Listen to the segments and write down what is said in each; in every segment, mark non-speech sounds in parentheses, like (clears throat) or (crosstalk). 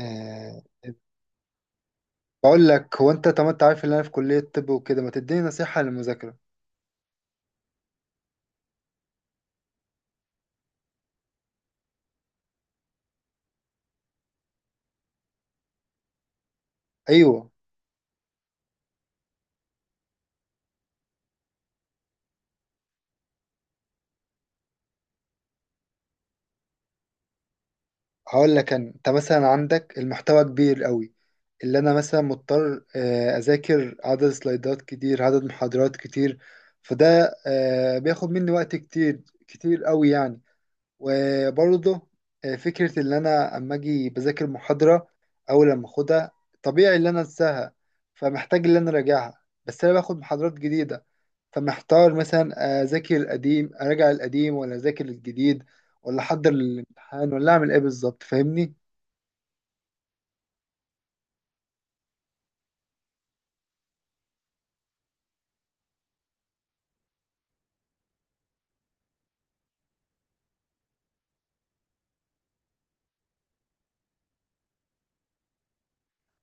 آه. بقول لك، هو انت طب انت عارف ان انا في كلية طب وكده، ما تديني نصيحة للمذاكرة؟ ايوه. هقول لك انا، انت مثلا عندك المحتوى كبير قوي، اللي انا مثلا مضطر اذاكر عدد سلايدات كتير، عدد محاضرات كتير، فده بياخد مني وقت كتير، كتير قوي يعني. وبرضه، فكرة إن أنا أما أجي بذاكر محاضرة أول لما أخدها، طبيعي إن أنا أنساها، فمحتاج إن أنا أراجعها بس أنا باخد محاضرات جديدة، فمحتار مثلا أذاكر القديم أراجع القديم ولا أذاكر الجديد، ولا أحضر للامتحان، ولا أعمل إيه بالظبط؟ فاهمني؟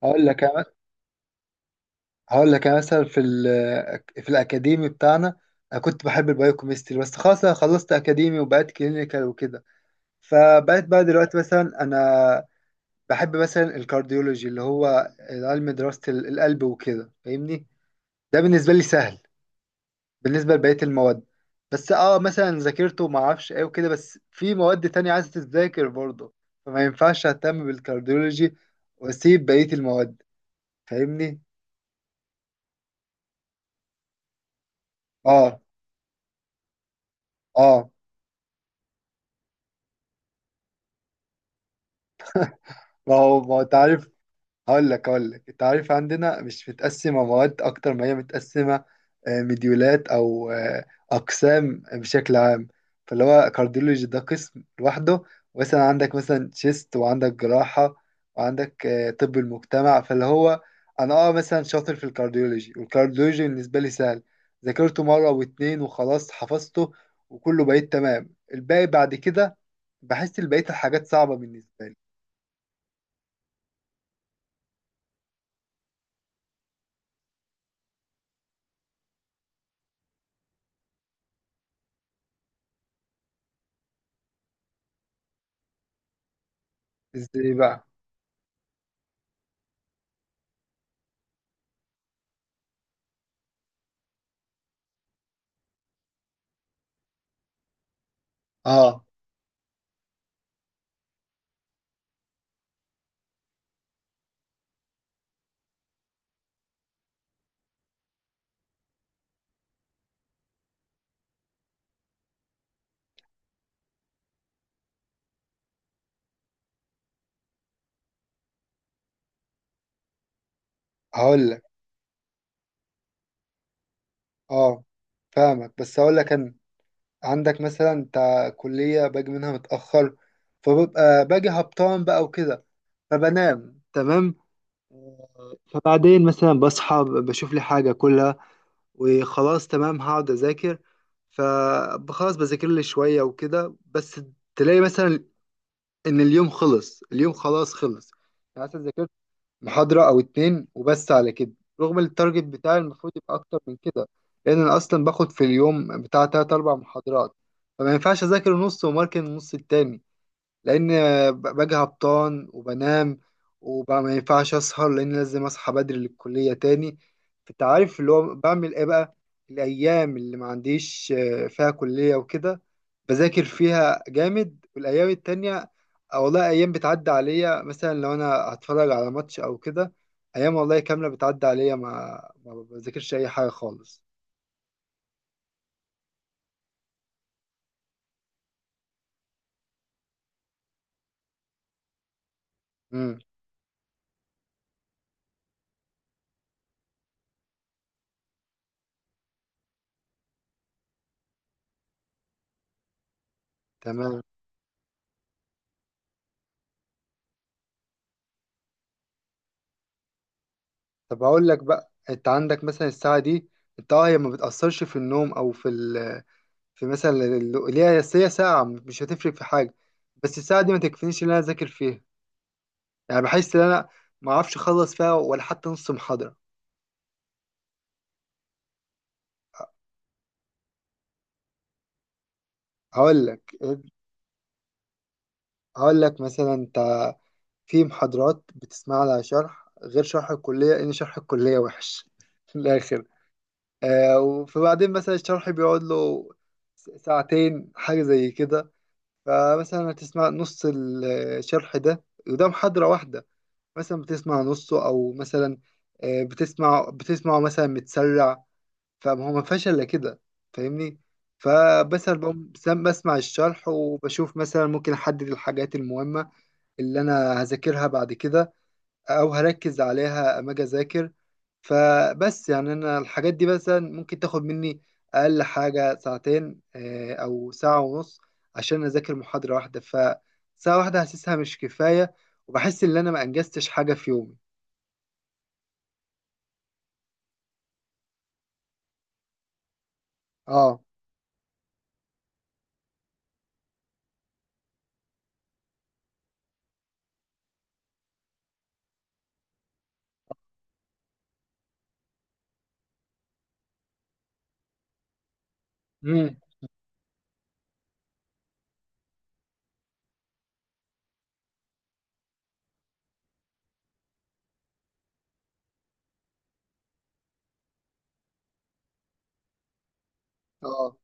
هقول لك أنا- هقول لك أنا مثلا في الأكاديمي بتاعنا أنا كنت بحب البايوكيمستري، بس خلاص أنا خلصت أكاديمي وبقيت كلينيكال وكده. فبقيت بقى دلوقتي مثلا أنا بحب مثلا الكارديولوجي، اللي هو علم دراسة القلب وكده، فاهمني؟ ده بالنسبة لي سهل. بالنسبة لبقية المواد، بس اه مثلا ذاكرته ما اعرفش ايه وكده، بس في مواد تانية عايزة تتذاكر برضه، فما ينفعش اهتم بالكارديولوجي واسيب بقية المواد، فاهمني؟ اه. اه. ما هو انت عارف. هقول لك انت عارف، عندنا مش متقسمه مواد اكتر ما هي متقسمه مديولات، او اقسام بشكل عام. فاللي هو كارديولوجي ده قسم لوحده، مثلا عندك مثلا شيست، وعندك جراحه، وعندك طب المجتمع. فاللي هو انا اه مثلا شاطر في الكارديولوجي، والكارديولوجي بالنسبه لي سهل، ذاكرته مره واتنين وخلاص حفظته وكله، بقيت تمام. الباقي بعد كده بحس بقيه الحاجات صعبه بالنسبه لي. ازاي بقى؟ اه. هقول لك. اه، فاهمك، بس اقول لك انا، عندك مثلا انت كلية باجي منها متأخر، فببقى باجي هبطان بقى وكده، فبنام تمام. فبعدين مثلا بصحى بشوف لي حاجة كلها، وخلاص تمام هقعد أذاكر، فخلاص بذاكر لي شوية وكده، بس تلاقي مثلا إن اليوم خلص، اليوم خلاص خلص، يعني مثلا ذاكرت محاضرة أو اتنين وبس على كده. رغم التارجت بتاعي المفروض يبقى أكتر من كده، لأن أنا أصلا باخد في اليوم بتاع تلات أربع محاضرات، فما ينفعش أذاكر نص وماركن النص التاني، لان باجي هبطان وبنام، وبقى ما ينفعش اسهر لان لازم اصحى بدري للكليه تاني. فانت عارف اللي هو بعمل ايه بقى؟ الايام اللي ما عنديش فيها كليه وكده، بذاكر فيها جامد، والايام التانية أو والله ايام بتعدي عليا، مثلا لو انا هتفرج على ماتش او كده، ايام والله كامله بتعدي عليا ما بذاكرش اي حاجه خالص. امم. تمام. طب هقول لك بقى، انت عندك مثلا الساعة دي، انت هي ما بتأثرش في النوم او في ال في مثلا ال- اللي هي، بس هي ساعة مش هتفرق في حاجة، بس الساعة دي ما تكفينيش ان انا اذاكر فيها، يعني بحس ان انا ما اعرفش اخلص فيها ولا حتى نص محاضرة. هقول لك هقول لك مثلا انت، في محاضرات بتسمع لها شرح غير شرح الكلية، ان شرح الكلية وحش (laughs) في الاخر. آه، وفبعدين مثلا الشرح بيقعد له ساعتين، حاجة زي كده، فمثلا هتسمع نص الشرح ده قدام حضرة واحدة، مثلا بتسمع نصه أو مثلا، بتسمعه مثلا متسرع، فما هو ما فيهاش إلا كده، فاهمني؟ فمثلا بقوم بسمع الشرح وبشوف مثلا ممكن أحدد الحاجات المهمة اللي أنا هذاكرها بعد كده، او هركز عليها اما اجي اذاكر. فبس يعني انا الحاجات دي مثلا ممكن تاخد مني اقل حاجه ساعتين، او ساعه ونص، عشان اذاكر محاضره واحده، فساعه واحده حاسسها مش كفايه، وبحس ان انا ما انجزتش حاجه في يومي. اه. مم. اه.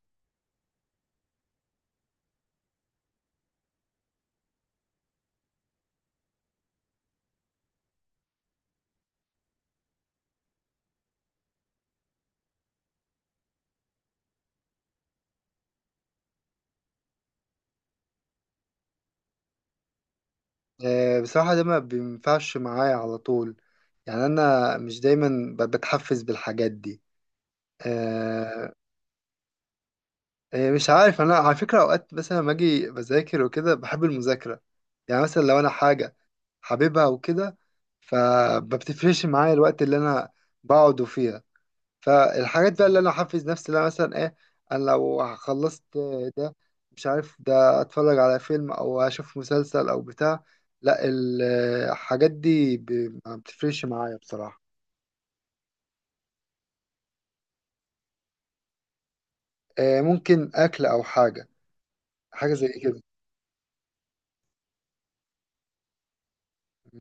بصراحه ده ما بينفعش معايا على طول، يعني انا مش دايما بتحفز بالحاجات دي. آه، إيه، مش عارف انا، على فكره اوقات مثلا لما اجي بذاكر وكده بحب المذاكره، يعني مثلا لو انا حاجه حاببها وكده، فبتفرقش معايا الوقت اللي انا بقعد فيها. فالحاجات بقى اللي انا احفز نفسي لها مثلا ايه؟ انا لو خلصت ده، مش عارف، ده اتفرج على فيلم او اشوف مسلسل او بتاع، لا ال- الحاجات دي ما بتفرقش معايا بصراحه. إيه، ممكن اكل او حاجه، حاجه زي كده.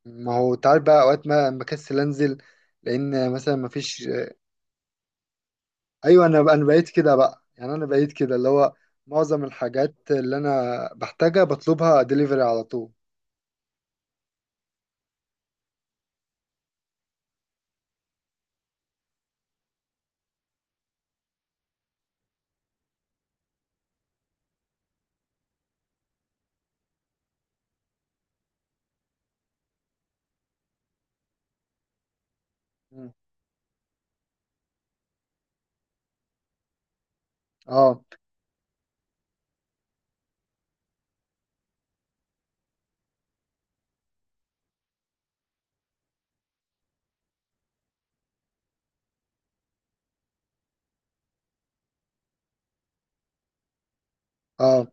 ما هو تعال بقى، اوقات ما بكسل انزل، لان مثلا ما فيش. ايوه، انا بقيت كده بقى، يعني انا بقيت كده اللي هو معظم الحاجات اللي انا بحتاجها بطلبها ديليفري على طول. مم. اه. اه.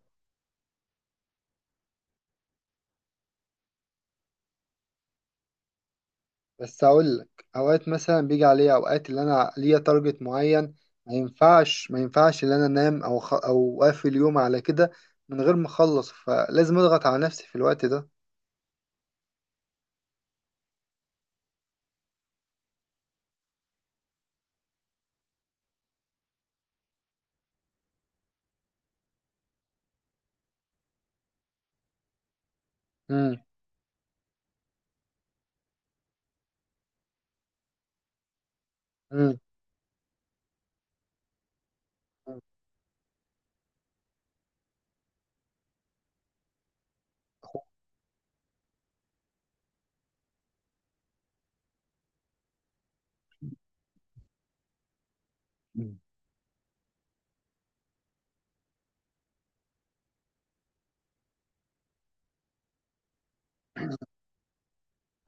بس اقول لك اوقات مثلا بيجي عليا اوقات اللي انا ليا تارجت معين، ما ينفعش ان انا انام او او اقفل اليوم على كده من غير ما اخلص، فلازم اضغط على نفسي في الوقت ده. امم. امم.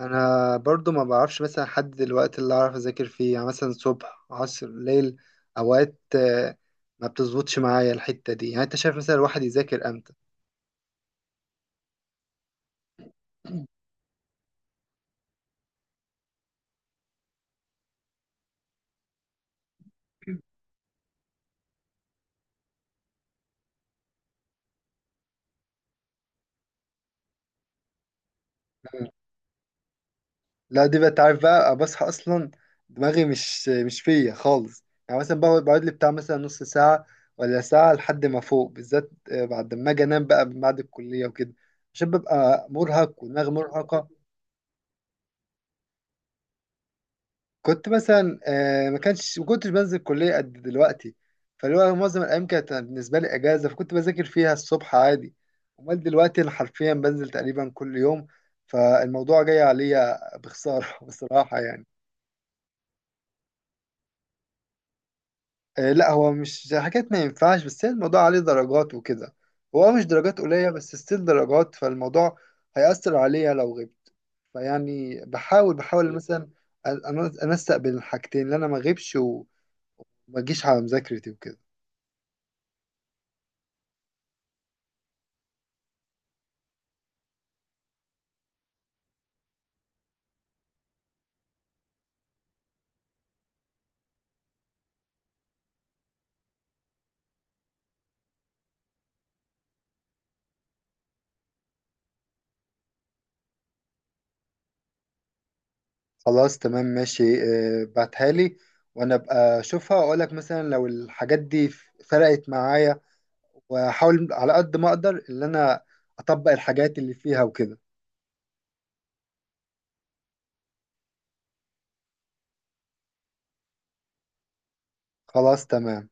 انا برضو ما بعرفش مثلا احدد الوقت اللي اعرف اذاكر فيه، يعني مثلا صبح عصر ليل. اوقات ما بتظبطش معايا الحتة دي، يعني انت شايف مثلا الواحد يذاكر امتى؟ (clears throat) لا دي بقى تعرف بقى بصحى اصلا دماغي مش فيا خالص، يعني مثلا بقعد لي بتاع مثلا نص ساعة ولا ساعة لحد ما فوق، بالذات بعد ما اجي انام بقى بعد الكلية وكده، عشان ببقى مرهق ودماغي مرهقة. كنت مثلا ما كنتش بنزل الكلية قد دلوقتي، فاللي هو معظم الأيام كانت بالنسبة لي إجازة، فكنت بذاكر فيها الصبح عادي. أمال دلوقتي أنا حرفيا بنزل تقريبا كل يوم، فالموضوع جاي عليا بخسارة (laughs) بصراحة يعني. لا هو مش حاجات ما ينفعش، بس هي الموضوع عليه درجات وكده، هو مش درجات قليلة بس ستيل درجات، فالموضوع هيأثر عليا لو غبت. فيعني بحاول مثلا أنسق بين الحاجتين، إن أنا ما أغيبش وما أجيش على مذاكرتي وكده. خلاص تمام ماشي. بعتها لي وانا ابقى اشوفها واقول لك مثلا لو الحاجات دي فرقت معايا، واحاول على قد ما اقدر ان انا اطبق الحاجات اللي فيها وكده. خلاص تمام.